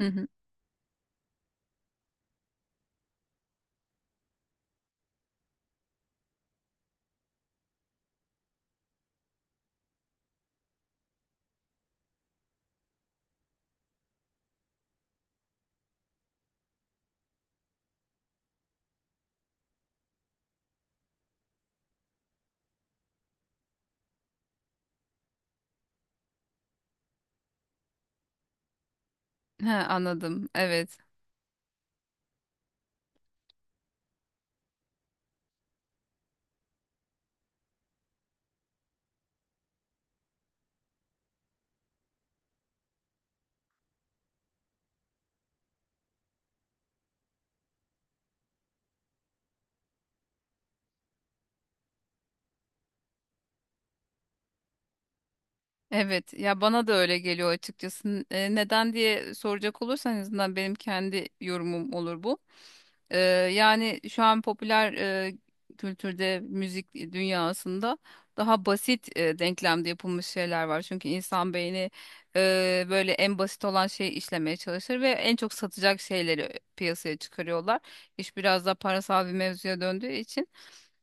Hı hı. He, anladım. Evet. Evet. Ya bana da öyle geliyor açıkçası. Neden diye soracak olursan en azından benim kendi yorumum olur bu. Ee, Yani şu an popüler kültürde, müzik dünyasında daha basit denklemde yapılmış şeyler var. Çünkü insan beyni böyle en basit olan şeyi işlemeye çalışır ve en çok satacak şeyleri piyasaya çıkarıyorlar. İş biraz da parasal bir mevzuya döndüğü için.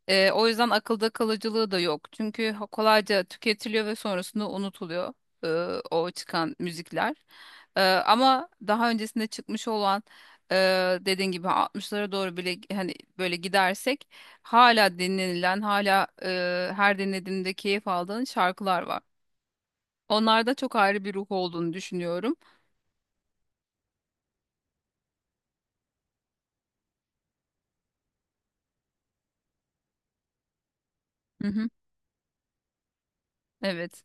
O yüzden akılda kalıcılığı da yok. Çünkü kolayca tüketiliyor ve sonrasında unutuluyor ee, o çıkan müzikler. Ama daha öncesinde çıkmış olan dediğin gibi 60'lara doğru bile hani böyle gidersek hala dinlenilen, hala her dinlediğimde keyif aldığın şarkılar var. Onlarda çok ayrı bir ruh olduğunu düşünüyorum. Hı hı, evet.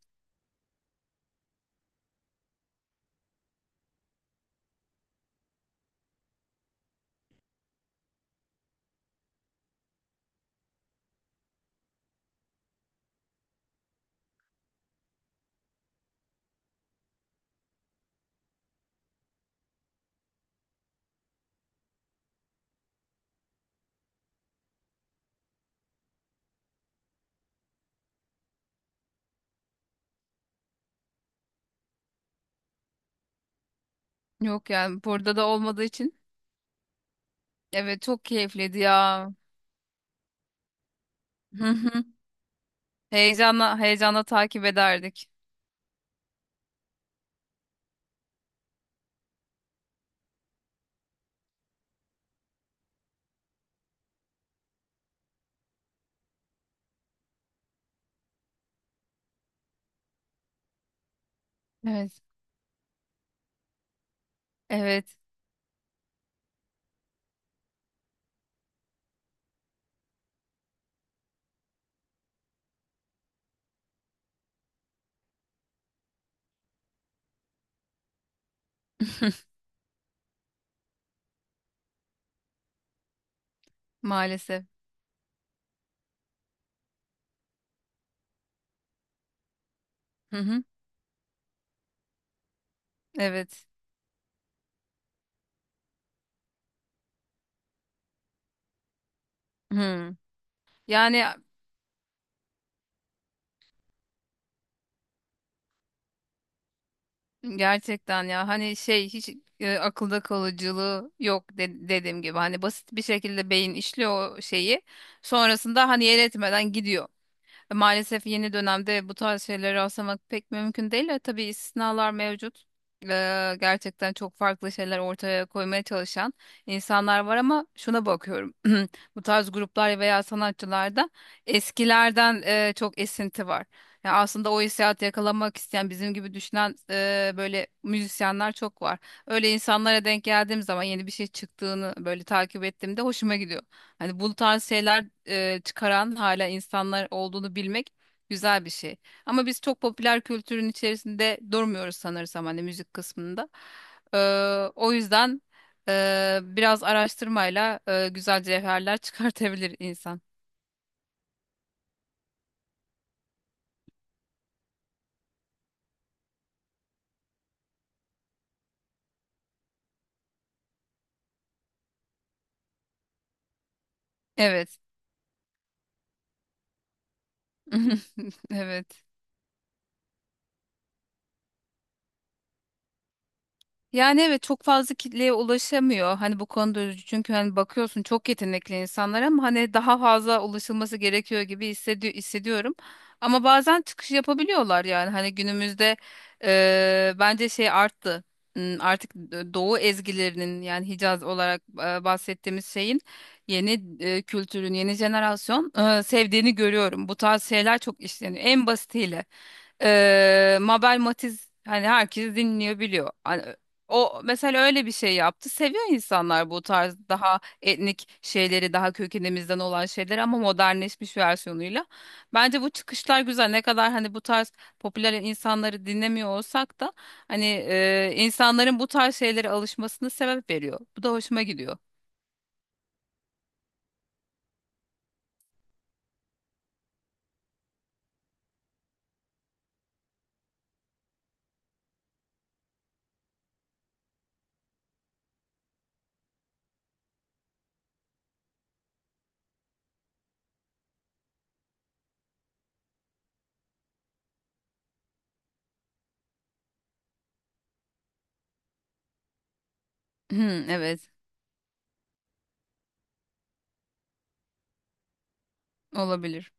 Yok yani burada da olmadığı için. Evet, çok keyifliydi ya. Hı hı. Heyecanla heyecanla takip ederdik. Evet. Evet. Maalesef. Hı hı. Evet. Hı. Yani gerçekten ya hani şey hiç akılda kalıcılığı yok dediğim gibi. Hani basit bir şekilde beyin işliyor o şeyi. Sonrasında hani yer etmeden gidiyor. Maalesef yeni dönemde bu tarz şeyleri rastlamak pek mümkün değil. Tabii istisnalar mevcut. E, Gerçekten çok farklı şeyler ortaya koymaya çalışan insanlar var ama şuna bakıyorum. Bu tarz gruplar veya sanatçılarda eskilerden çok esinti var. Ya aslında o hissiyatı yakalamak isteyen bizim gibi düşünen böyle müzisyenler çok var. Öyle insanlara denk geldiğim zaman yeni bir şey çıktığını böyle takip ettiğimde hoşuma gidiyor. Hani bu tarz şeyler çıkaran hala insanlar olduğunu bilmek güzel bir şey. Ama biz çok popüler kültürün içerisinde durmuyoruz sanırsam hani müzik kısmında. Ee, O yüzden biraz araştırmayla güzel cevherler çıkartabilir insan. Evet. Evet. Yani evet, çok fazla kitleye ulaşamıyor. Hani bu konuda üzücü. Çünkü hani bakıyorsun çok yetenekli insanlar ama hani daha fazla ulaşılması gerekiyor gibi hissediyorum. Ama bazen çıkış yapabiliyorlar yani. Hani günümüzde bence şey arttı. Artık Doğu ezgilerinin yani Hicaz olarak bahsettiğimiz şeyin yeni kültürün, yeni jenerasyon sevdiğini görüyorum. Bu tarz şeyler çok işleniyor. En basitiyle. Mabel Matiz hani herkes dinliyor, biliyor. Hani o mesela öyle bir şey yaptı. Seviyor insanlar bu tarz daha etnik şeyleri, daha kökenimizden olan şeyleri, ama modernleşmiş versiyonuyla. Bence bu çıkışlar güzel. Ne kadar hani bu tarz popüler insanları dinlemiyor olsak da hani insanların bu tarz şeylere alışmasını sebep veriyor. Bu da hoşuma gidiyor. Hı, evet, olabilir.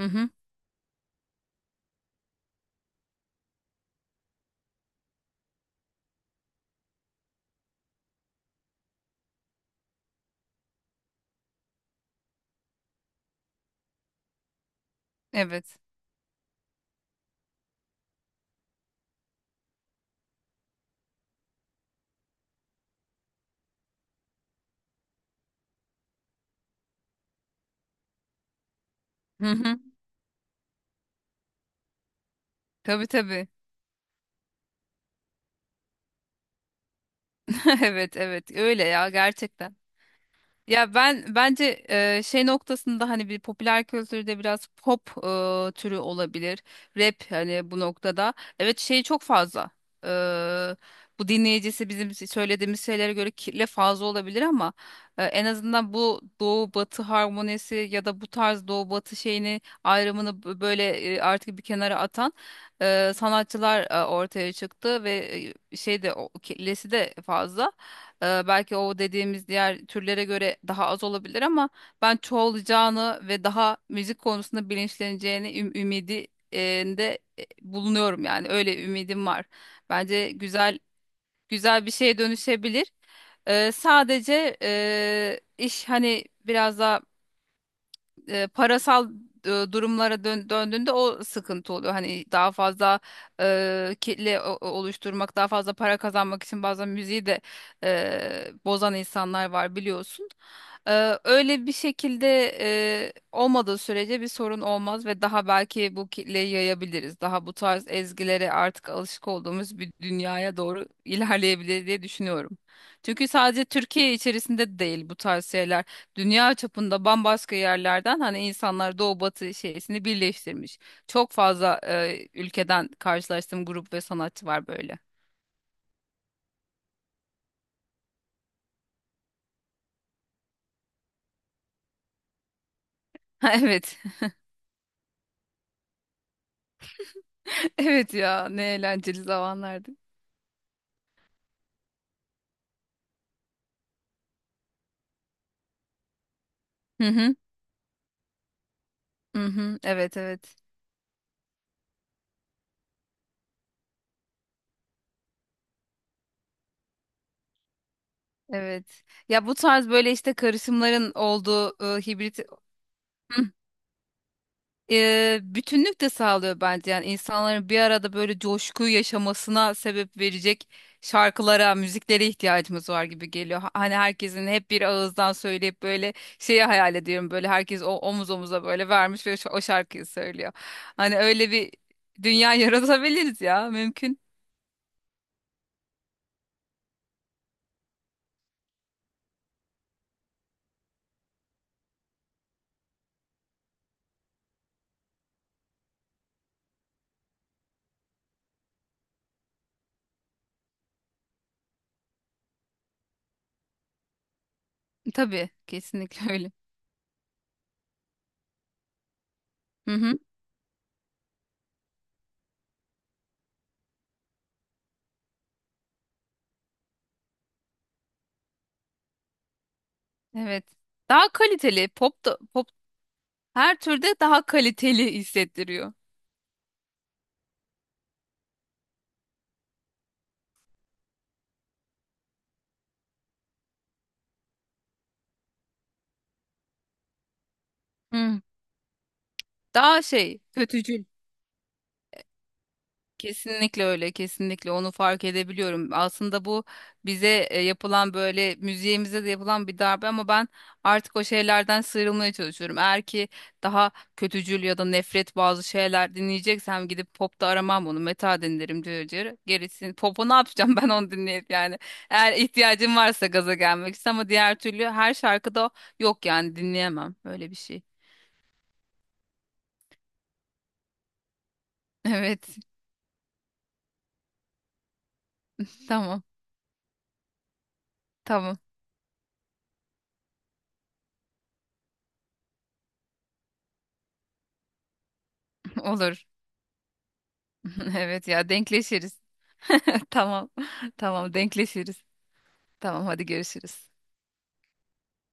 Hı hı, evet. Hı hı. Tabii tabii. Evet, evet. Öyle ya, gerçekten. Ya ben bence şey noktasında hani bir popüler kültürde biraz pop türü olabilir. Rap hani bu noktada. Evet şey çok fazla. E, Bu dinleyicisi bizim söylediğimiz şeylere göre kirli fazla olabilir ama en azından bu doğu batı harmonisi ya da bu tarz doğu batı şeyini ayrımını böyle artık bir kenara atan sanatçılar ortaya çıktı ve şey de o kirlisi de fazla. Belki o dediğimiz diğer türlere göre daha az olabilir ama ben çoğalacağını ve daha müzik konusunda bilinçleneceğini ümidi e, de bulunuyorum yani öyle ümidim var. Bence güzel bir şeye dönüşebilir. Sadece iş hani biraz daha parasal durumlara döndüğünde o sıkıntı oluyor. Hani daha fazla kitle oluşturmak, daha fazla para kazanmak için bazen müziği de bozan insanlar var biliyorsun. Öyle bir şekilde olmadığı sürece bir sorun olmaz ve daha belki bu kitleyi yayabiliriz. Daha bu tarz ezgilere artık alışık olduğumuz bir dünyaya doğru ilerleyebilir diye düşünüyorum. Çünkü sadece Türkiye içerisinde değil, bu tarz şeyler dünya çapında bambaşka yerlerden hani insanlar doğu batı şeysini birleştirmiş. Çok fazla ülkeden karşılaştığım grup ve sanatçı var böyle. Ha, evet. Evet ya, ne eğlenceli zamanlardı. Hı hı. Hı hı. Evet, evet. Evet. Ya bu tarz böyle işte karışımların olduğu hibrit bütünlük de sağlıyor bence. Yani insanların bir arada böyle coşkuyu yaşamasına sebep verecek şarkılara, müziklere ihtiyacımız var gibi geliyor. Hani herkesin hep bir ağızdan söyleyip böyle şeyi hayal ediyorum. Böyle herkes o omuz omuza böyle vermiş ve o şarkıyı söylüyor. Hani öyle bir dünya yaratabiliriz ya, mümkün. Tabii kesinlikle öyle. Hı hı, evet. Daha kaliteli pop her türde daha kaliteli hissettiriyor. Hı. Daha şey kötücül. Kesinlikle öyle, kesinlikle onu fark edebiliyorum. Aslında bu bize yapılan böyle müziğimize de yapılan bir darbe, ama ben artık o şeylerden sıyrılmaya çalışıyorum. Eğer ki daha kötücül ya da nefret bazı şeyler dinleyeceksem gidip popta aramam onu, metal dinlerim diyor. Gerisini popu ne yapacağım ben onu dinleyip yani. Eğer ihtiyacım varsa gaza gelmek için, ama diğer türlü her şarkıda yok yani, dinleyemem öyle bir şey. Evet, tamam, tamam. Olur. Evet ya, denkleşiriz. Tamam. Tamam, denkleşiriz. Tamam, hadi görüşürüz.